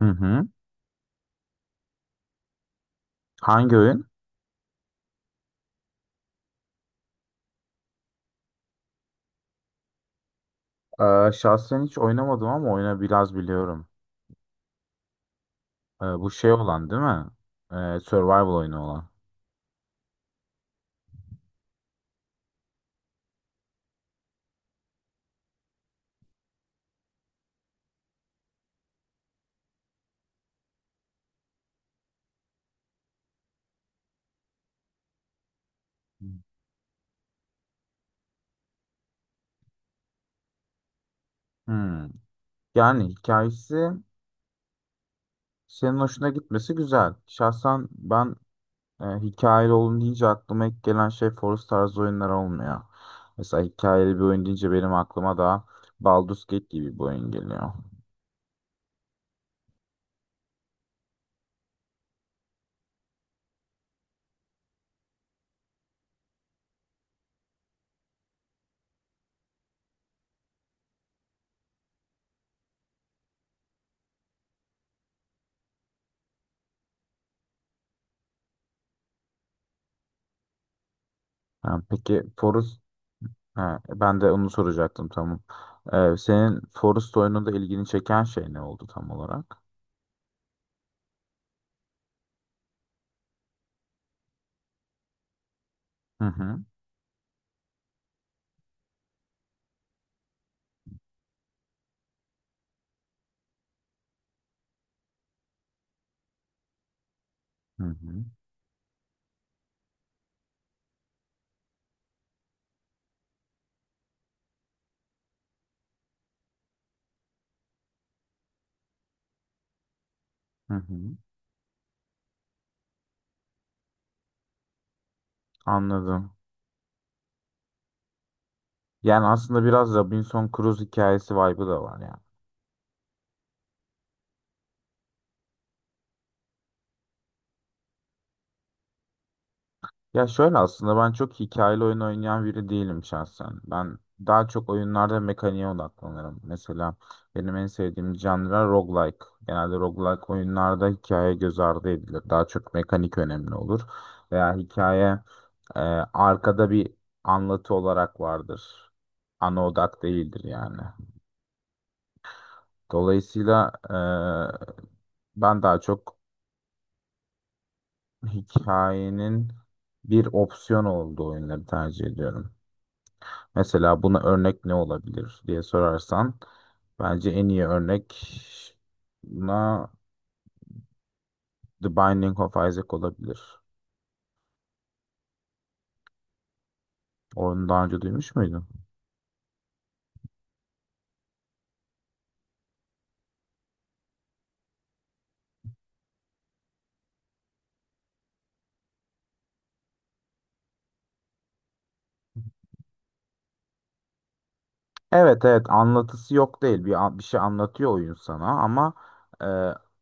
Hı hı. Hangi oyun? Şahsen hiç oynamadım ama oyunu biraz biliyorum. Bu şey olan değil mi? Survival oyunu olan. Hmm. Yani hikayesi senin hoşuna gitmesi güzel. Şahsen ben hikayeli olun deyince aklıma ilk gelen şey Forest tarzı oyunlar olmuyor. Mesela hikayeli bir oyun deyince benim aklıma da Baldur's Gate gibi bir oyun geliyor. Yani peki Forest Ha, ben de onu soracaktım, tamam. Senin Forest oyununda ilgini çeken şey ne oldu tam olarak? Hı hı. Hı hı. Hı hı. Anladım. Yani aslında biraz Robinson Crusoe hikayesi vibe'ı da var yani. Ya şöyle, aslında ben çok hikayeli oyun oynayan biri değilim şahsen. Ben daha çok oyunlarda mekaniğe odaklanırım. Mesela benim en sevdiğim janra roguelike. Genelde roguelike oyunlarda hikaye göz ardı edilir. Daha çok mekanik önemli olur. Veya hikaye e, arkada bir anlatı olarak vardır. Ana odak değildir yani. Dolayısıyla ben daha çok hikayenin bir opsiyon olduğu oyunları tercih ediyorum. Mesela buna örnek ne olabilir diye sorarsan bence en iyi örnek buna The Binding of Isaac olabilir. Onu daha önce duymuş muydun? Evet, evet, anlatısı yok değil. Bir, bir şey anlatıyor oyun sana, ama e,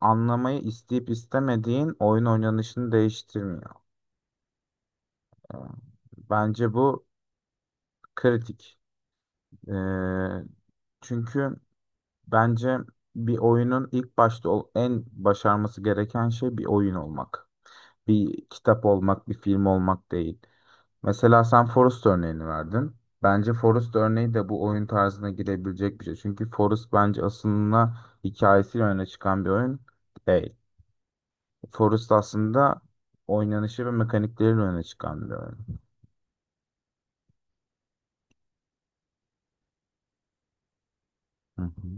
anlamayı isteyip istemediğin oyun oynanışını değiştirmiyor. E, Bence bu kritik. E, Çünkü bence bir oyunun ilk başta en başarması gereken şey bir oyun olmak. Bir kitap olmak, bir film olmak değil. Mesela sen Forest örneğini verdin. Bence Forest örneği de bu oyun tarzına girebilecek bir şey. Çünkü Forest bence aslında hikayesiyle öne çıkan bir oyun değil. Forest aslında oynanışı ve mekanikleriyle öne çıkan bir oyun. Hı hı,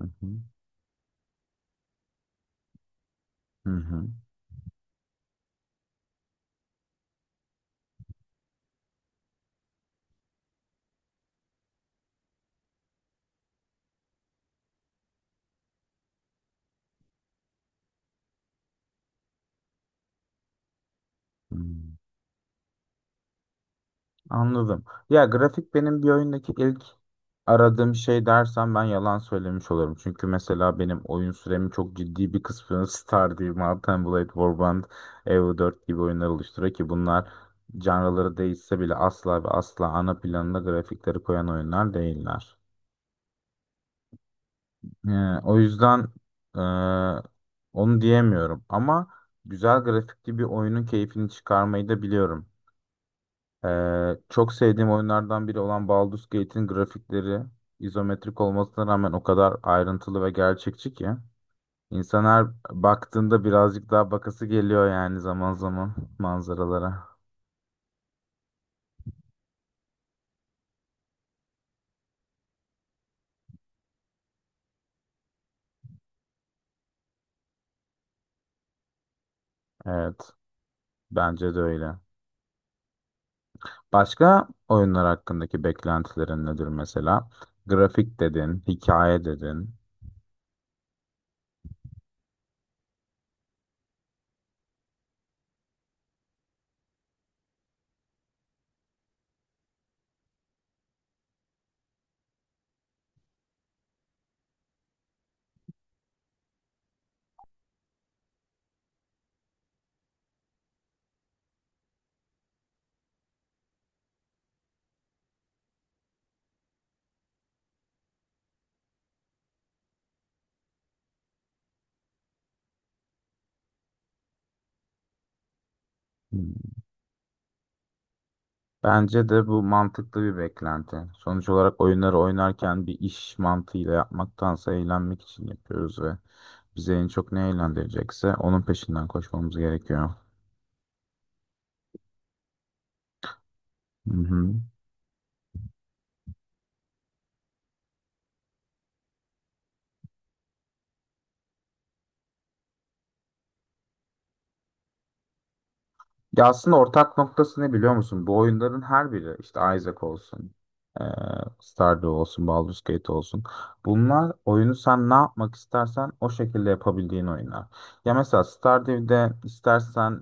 hı hı, hı hı, hı. Anladım. Ya grafik benim bir oyundaki ilk aradığım şey dersem ben yalan söylemiş olurum. Çünkü mesela benim oyun süremin çok ciddi bir kısmını Stardew, Mount and Blade, Warband, Evo 4 gibi oyunlar oluşturuyor ki bunlar canraları değişse bile asla ve asla ana planına grafikleri koyan oyunlar değiller. O yüzden e, onu diyemiyorum, ama güzel grafikli bir oyunun keyfini çıkarmayı da biliyorum. Çok sevdiğim oyunlardan biri olan Baldur's Gate'in grafikleri izometrik olmasına rağmen o kadar ayrıntılı ve gerçekçi ki insan her baktığında birazcık daha bakası geliyor yani zaman zaman manzaralara. Evet, bence de öyle. Başka oyunlar hakkındaki beklentilerin nedir mesela? Grafik dedin, hikaye dedin. Hmm. Bence de bu mantıklı bir beklenti. Sonuç olarak oyunları oynarken bir iş mantığıyla yapmaktansa eğlenmek için yapıyoruz ve bizi en çok ne eğlendirecekse onun peşinden koşmamız gerekiyor. Hı hı. Ya aslında ortak noktası ne biliyor musun? Bu oyunların her biri işte Isaac olsun, eee, Stardew olsun, Baldur's Gate olsun. Bunlar oyunu sen ne yapmak istersen o şekilde yapabildiğin oyunlar. Ya mesela Stardew'de istersen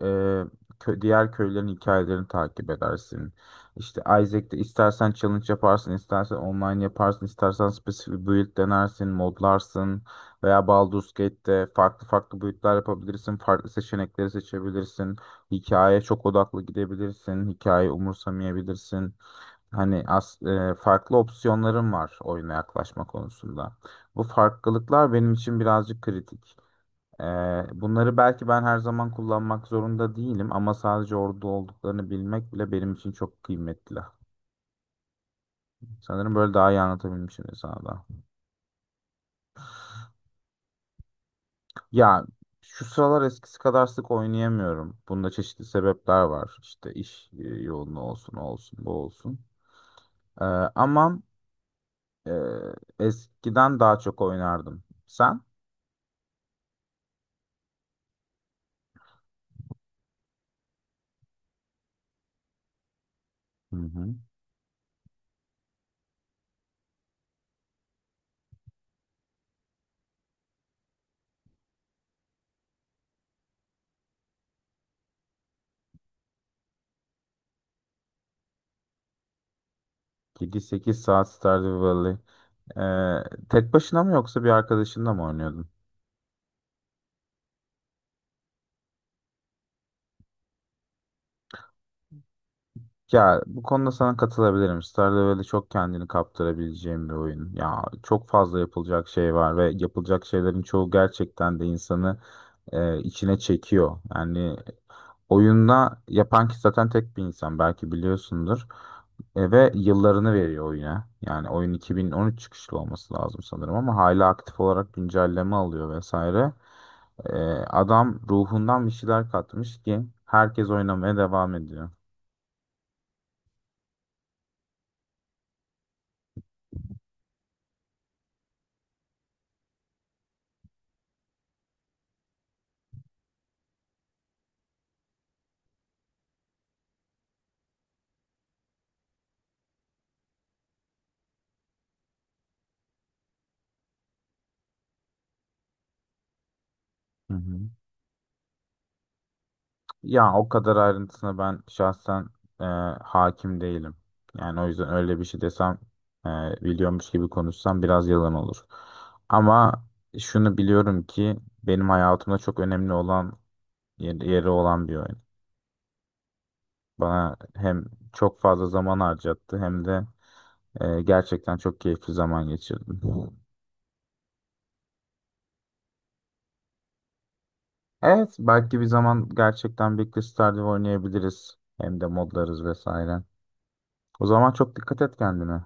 eee, diğer köylerin hikayelerini takip edersin. İşte Isaac'te istersen challenge yaparsın, istersen online yaparsın, istersen spesifik build denersin, modlarsın. Veya Baldur's Gate'de farklı farklı build'ler yapabilirsin, farklı seçenekleri seçebilirsin. Hikaye çok odaklı gidebilirsin. Hikaye umursamayabilirsin. Farklı opsiyonların var oyuna yaklaşma konusunda. Bu farklılıklar benim için birazcık kritik. E, Bunları belki ben her zaman kullanmak zorunda değilim, ama sadece orada olduklarını bilmek bile benim için çok kıymetli. Sanırım böyle daha iyi anlatabilmişim sana da. Ya şu sıralar eskisi kadar sık oynayamıyorum. Bunda çeşitli sebepler var. İşte iş yoğunluğu olsun, o olsun, bu olsun. E, ama Ee, Eskiden daha çok oynardım. Sen? Hı hı. 7-8 saat Stardew Valley. Tek başına mı yoksa bir arkadaşınla mı oynuyordun? Ya bu konuda sana katılabilirim. Stardew Valley çok kendini kaptırabileceğim bir oyun. Ya çok fazla yapılacak şey var ve yapılacak şeylerin çoğu gerçekten de insanı içine çekiyor. Yani oyunda yapan kişi zaten tek bir insan, belki biliyorsundur. Ve yıllarını veriyor oyuna. Yani oyun 2013 çıkışlı olması lazım sanırım, ama hala aktif olarak güncelleme alıyor vesaire. Adam ruhundan bir şeyler katmış ki herkes oynamaya devam ediyor. Hı hı. Ya o kadar ayrıntısına ben şahsen e, hakim değilim. Yani o yüzden öyle bir şey desem e, biliyormuş gibi konuşsam biraz yalan olur. Ama şunu biliyorum ki benim hayatımda çok önemli olan yeri olan bir oyun. Bana hem çok fazla zaman harcattı hem de gerçekten çok keyifli zaman geçirdim. Evet, belki bir zaman gerçekten Big League Stardew oynayabiliriz. Hem de modlarız vesaire. O zaman çok dikkat et kendine.